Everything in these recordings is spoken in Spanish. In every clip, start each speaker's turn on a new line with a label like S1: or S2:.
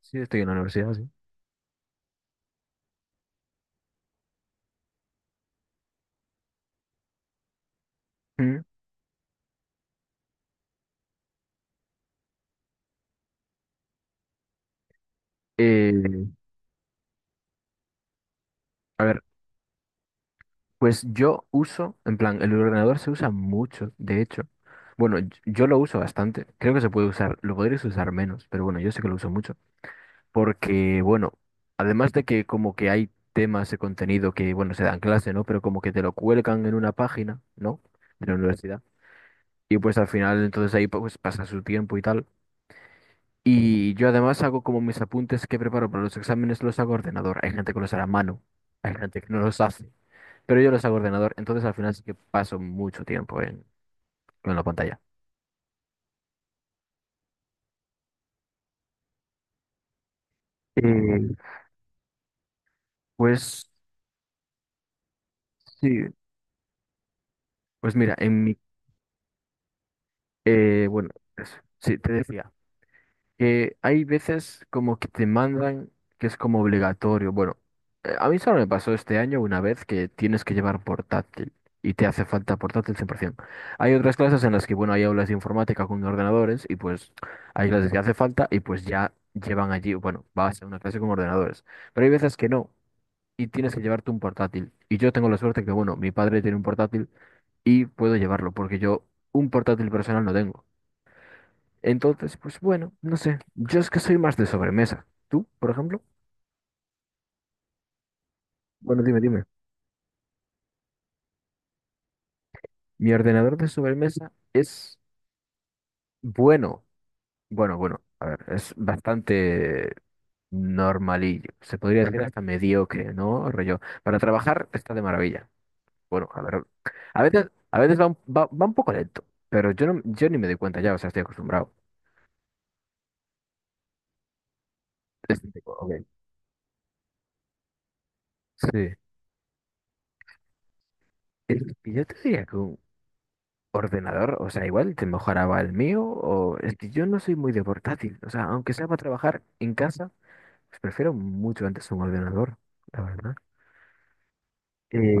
S1: Sí, estoy en la universidad, sí. Mm. Eh, a ver, pues yo uso, en plan, el ordenador se usa mucho, de hecho. Bueno, yo lo uso bastante. Creo que se puede usar, lo podrías usar menos, pero bueno, yo sé que lo uso mucho. Porque, bueno, además de que como que hay temas de contenido que, bueno, se dan clase, ¿no? Pero como que te lo cuelgan en una página, ¿no? De la universidad. Y pues al final entonces ahí pues pasa su tiempo y tal. Y yo además hago como mis apuntes que preparo para los exámenes, los hago a ordenador. Hay gente que los hará a mano, hay gente que no los hace, pero yo los hago a ordenador, entonces al final sí que paso mucho tiempo en la pantalla. Eh, pues sí, pues mira, en mi, bueno, pues, sí, te decía. Que hay veces como que te mandan que es como obligatorio. Bueno, a mí solo me pasó este año una vez que tienes que llevar portátil y te hace falta portátil 100%. Hay otras clases en las que, bueno, hay aulas de informática con ordenadores y pues hay clases que hace falta y pues ya llevan allí, bueno, vas a una clase con ordenadores. Pero hay veces que no y tienes que llevarte un portátil. Y yo tengo la suerte que, bueno, mi padre tiene un portátil y puedo llevarlo porque yo un portátil personal no tengo. Entonces, pues bueno, no sé. Yo es que soy más de sobremesa. ¿Tú, por ejemplo? Bueno, dime. Mi ordenador de sobremesa es bueno. Bueno, bueno, a ver, es bastante normalillo. Se podría decir hasta mediocre, ¿no? Rollo. Para trabajar está de maravilla. Bueno, a ver. A veces, va un poco lento, pero yo ni me doy cuenta ya, o sea, estoy acostumbrado. Es tipo, ok. Sí. Yo te diría que un ordenador, o sea, igual te mejoraba el mío, o es que yo no soy muy de portátil, o sea, aunque sea para trabajar en casa, pues prefiero mucho antes un ordenador, la verdad. Eh,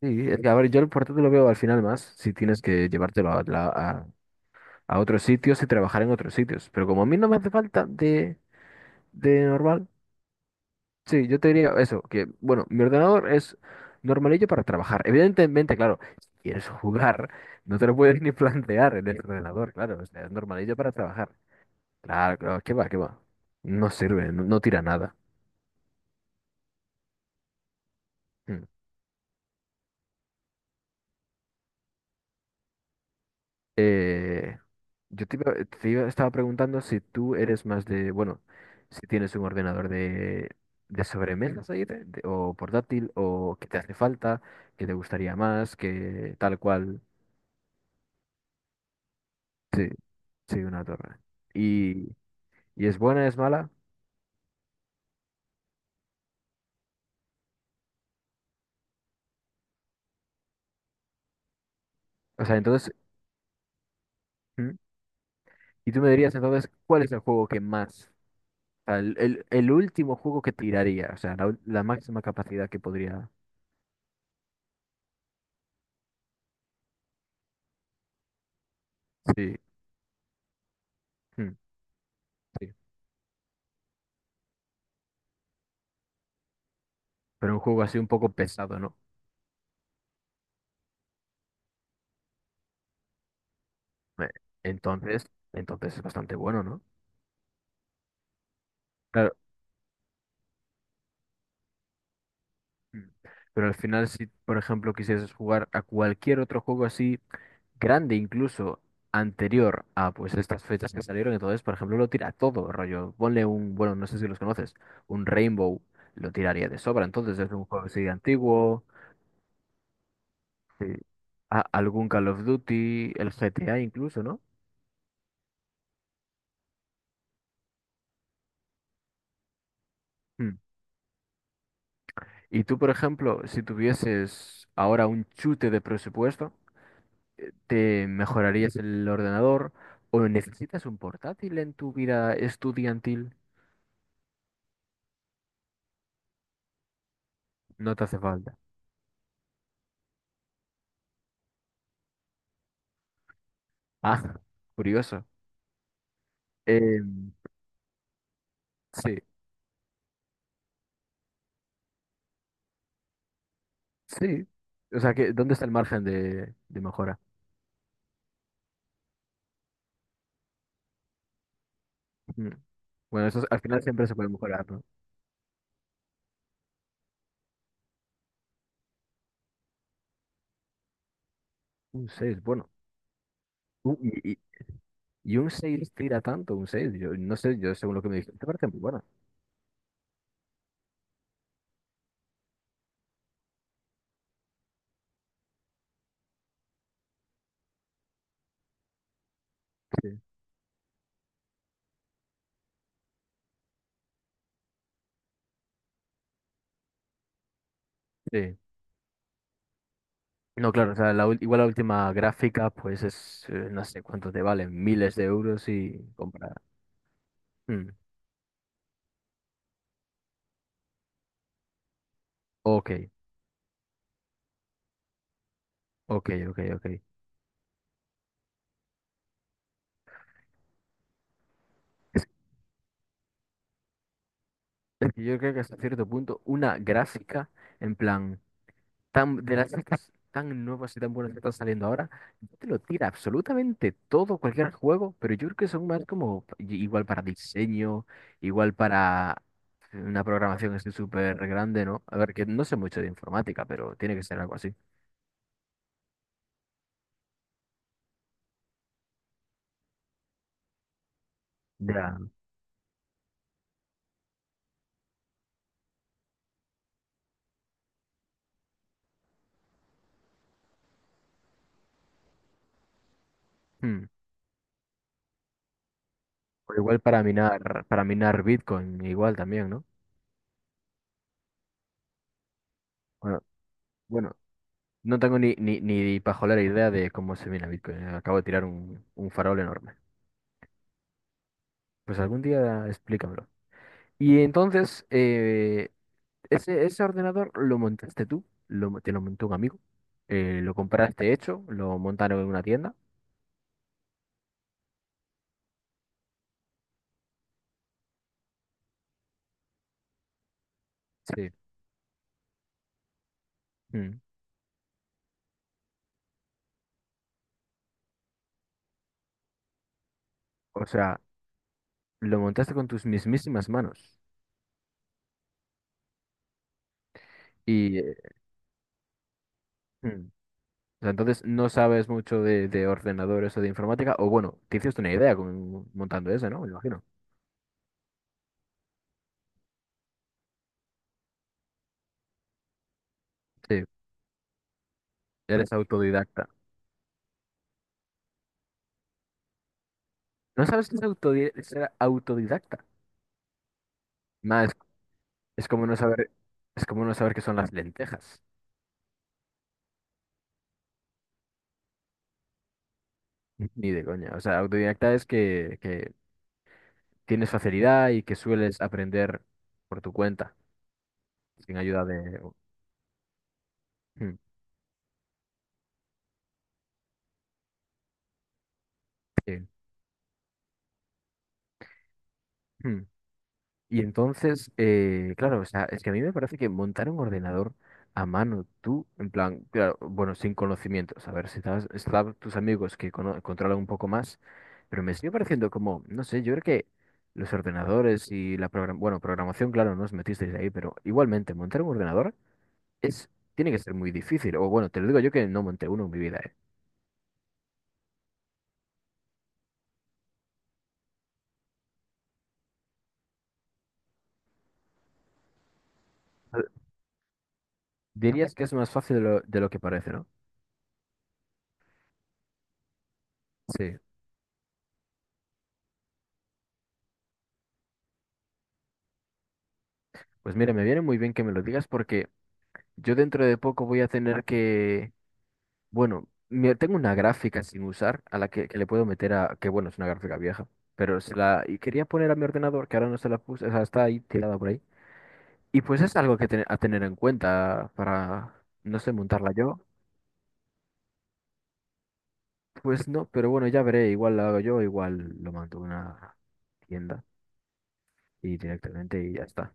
S1: sí, es que, a ver, yo el portátil lo veo al final más, si tienes que llevártelo a, a otros sitios y trabajar en otros sitios, pero como a mí no me hace falta de normal, sí, yo te diría eso, que bueno, mi ordenador es normalillo para trabajar. Evidentemente, claro, si quieres jugar, no te lo puedes ni plantear en el ordenador, claro, o sea, es normalillo para trabajar. Claro, claro, qué va, qué va. No sirve, no, no tira nada. Mm. Eh, yo te, estaba preguntando si tú eres más de, bueno, si tienes un ordenador de sobremesas ahí, o portátil, o que te hace falta, que te gustaría más, que tal cual. Sí. Sí, una torre. ¿Y, y es buena, es mala? O sea, entonces, ¿mm? Y tú me dirías entonces, ¿cuál es el juego que más, o sea, el último juego que tiraría, o sea, la máxima capacidad que podría, sí, mm, sí, pero un juego así un poco pesado, ¿no? Me- Entonces, entonces es bastante bueno, ¿no? Claro, mm, pero al final si, por ejemplo, quisieras jugar a cualquier otro juego así, grande incluso anterior a pues estas fechas que salieron, entonces, por ejemplo, lo tira todo, rollo, bueno, no sé si los conoces, un Rainbow, lo tiraría de sobra, entonces es un juego así antiguo, sí, algún Call of Duty, el GTA incluso, ¿no? Mm. Y tú, por ejemplo, si tuvieses ahora un chute de presupuesto, ¿te mejorarías el ordenador o necesitas un portátil en tu vida estudiantil? No te hace falta. Ah, curioso. Em, sí. Sí, o sea, que, ¿dónde está el margen de mejora? Mm. Bueno, al final siempre se puede mejorar, ¿no? Un 6, bueno. Un- y, y- y un 6 tira tanto, un 6. Yo no sé, yo según lo que me dijiste, parece muy buena. Sí. Sí. No, claro, o sea, igual la última gráfica, pues es, no sé cuánto te valen, miles de euros y comprada. Mm. Ok, ok. Es es que yo creo que hasta cierto punto, una gráfica, en plan. Tan, de las sagas tan nuevas y tan buenas que están saliendo ahora, yo te lo tira absolutamente todo, cualquier juego, pero yo creo que son más como igual para diseño, igual para una programación así súper grande, ¿no? A ver, que no sé mucho de informática, pero tiene que ser algo así. Ya. Hmm. O igual para minar Bitcoin, igual también, ¿no? Bueno, bueno, no tengo ni pajolera idea de cómo se mina Bitcoin. Acabo de tirar un farol enorme. Pues algún día explícamelo. Y entonces, ese, ese ordenador lo montaste tú, lo, te lo montó un amigo, lo compraste hecho, lo montaron en una tienda. Sí. Mm. O sea, lo montaste con tus mismísimas manos. Y mm. O sea, entonces no sabes mucho de ordenadores o de informática, o bueno, te hiciste una idea con, montando eso, ¿no? Me imagino. Sí, eres autodidacta. ¿No sabes qué es ser autodidacta? Más, es como no saber, es como no saber qué son las lentejas. Ni de coña. O sea, autodidacta es que tienes facilidad y que sueles aprender por tu cuenta, sin ayuda de... Mm, sí, mm. Y entonces, claro, o sea, es que a mí me parece que montar un ordenador a mano, tú, en plan, claro, bueno, sin conocimientos, a ver, si estás, están tus amigos que controlan un poco más, pero me sigue pareciendo como, no sé, yo creo que los ordenadores y la bueno, programación, claro, no os metisteis ahí, pero igualmente, montar un ordenador es, tiene que ser muy difícil. O bueno, te lo digo yo que no monté uno en mi vida, ¿eh? Dirías que es más fácil de lo que parece, ¿no? Sí. Pues mira, me viene muy bien que me lo digas porque yo dentro de poco voy a tener que, bueno, tengo una gráfica sin usar a la que le puedo meter a, que bueno, es una gráfica vieja, pero se la, y quería poner a mi ordenador, que ahora no se la puse, o sea, está ahí tirada por ahí. Y pues es algo que a tener en cuenta para, no sé, montarla yo. Pues no, pero bueno, ya veré, igual la hago yo, igual lo mando a una tienda. Y directamente y ya está.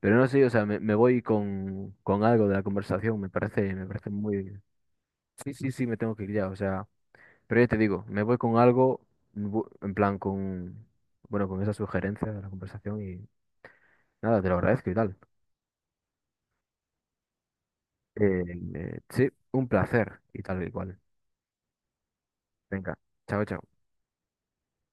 S1: Pero no sé, o sea, me voy con algo de la conversación, me parece muy... Sí, sí, sí, me tengo que ir ya, o sea, pero ya te digo, me voy con algo, en plan, con, bueno, con esa sugerencia de la conversación y nada, te lo agradezco y tal. Eh, sí, un placer y tal y cual. Venga, chao, chao.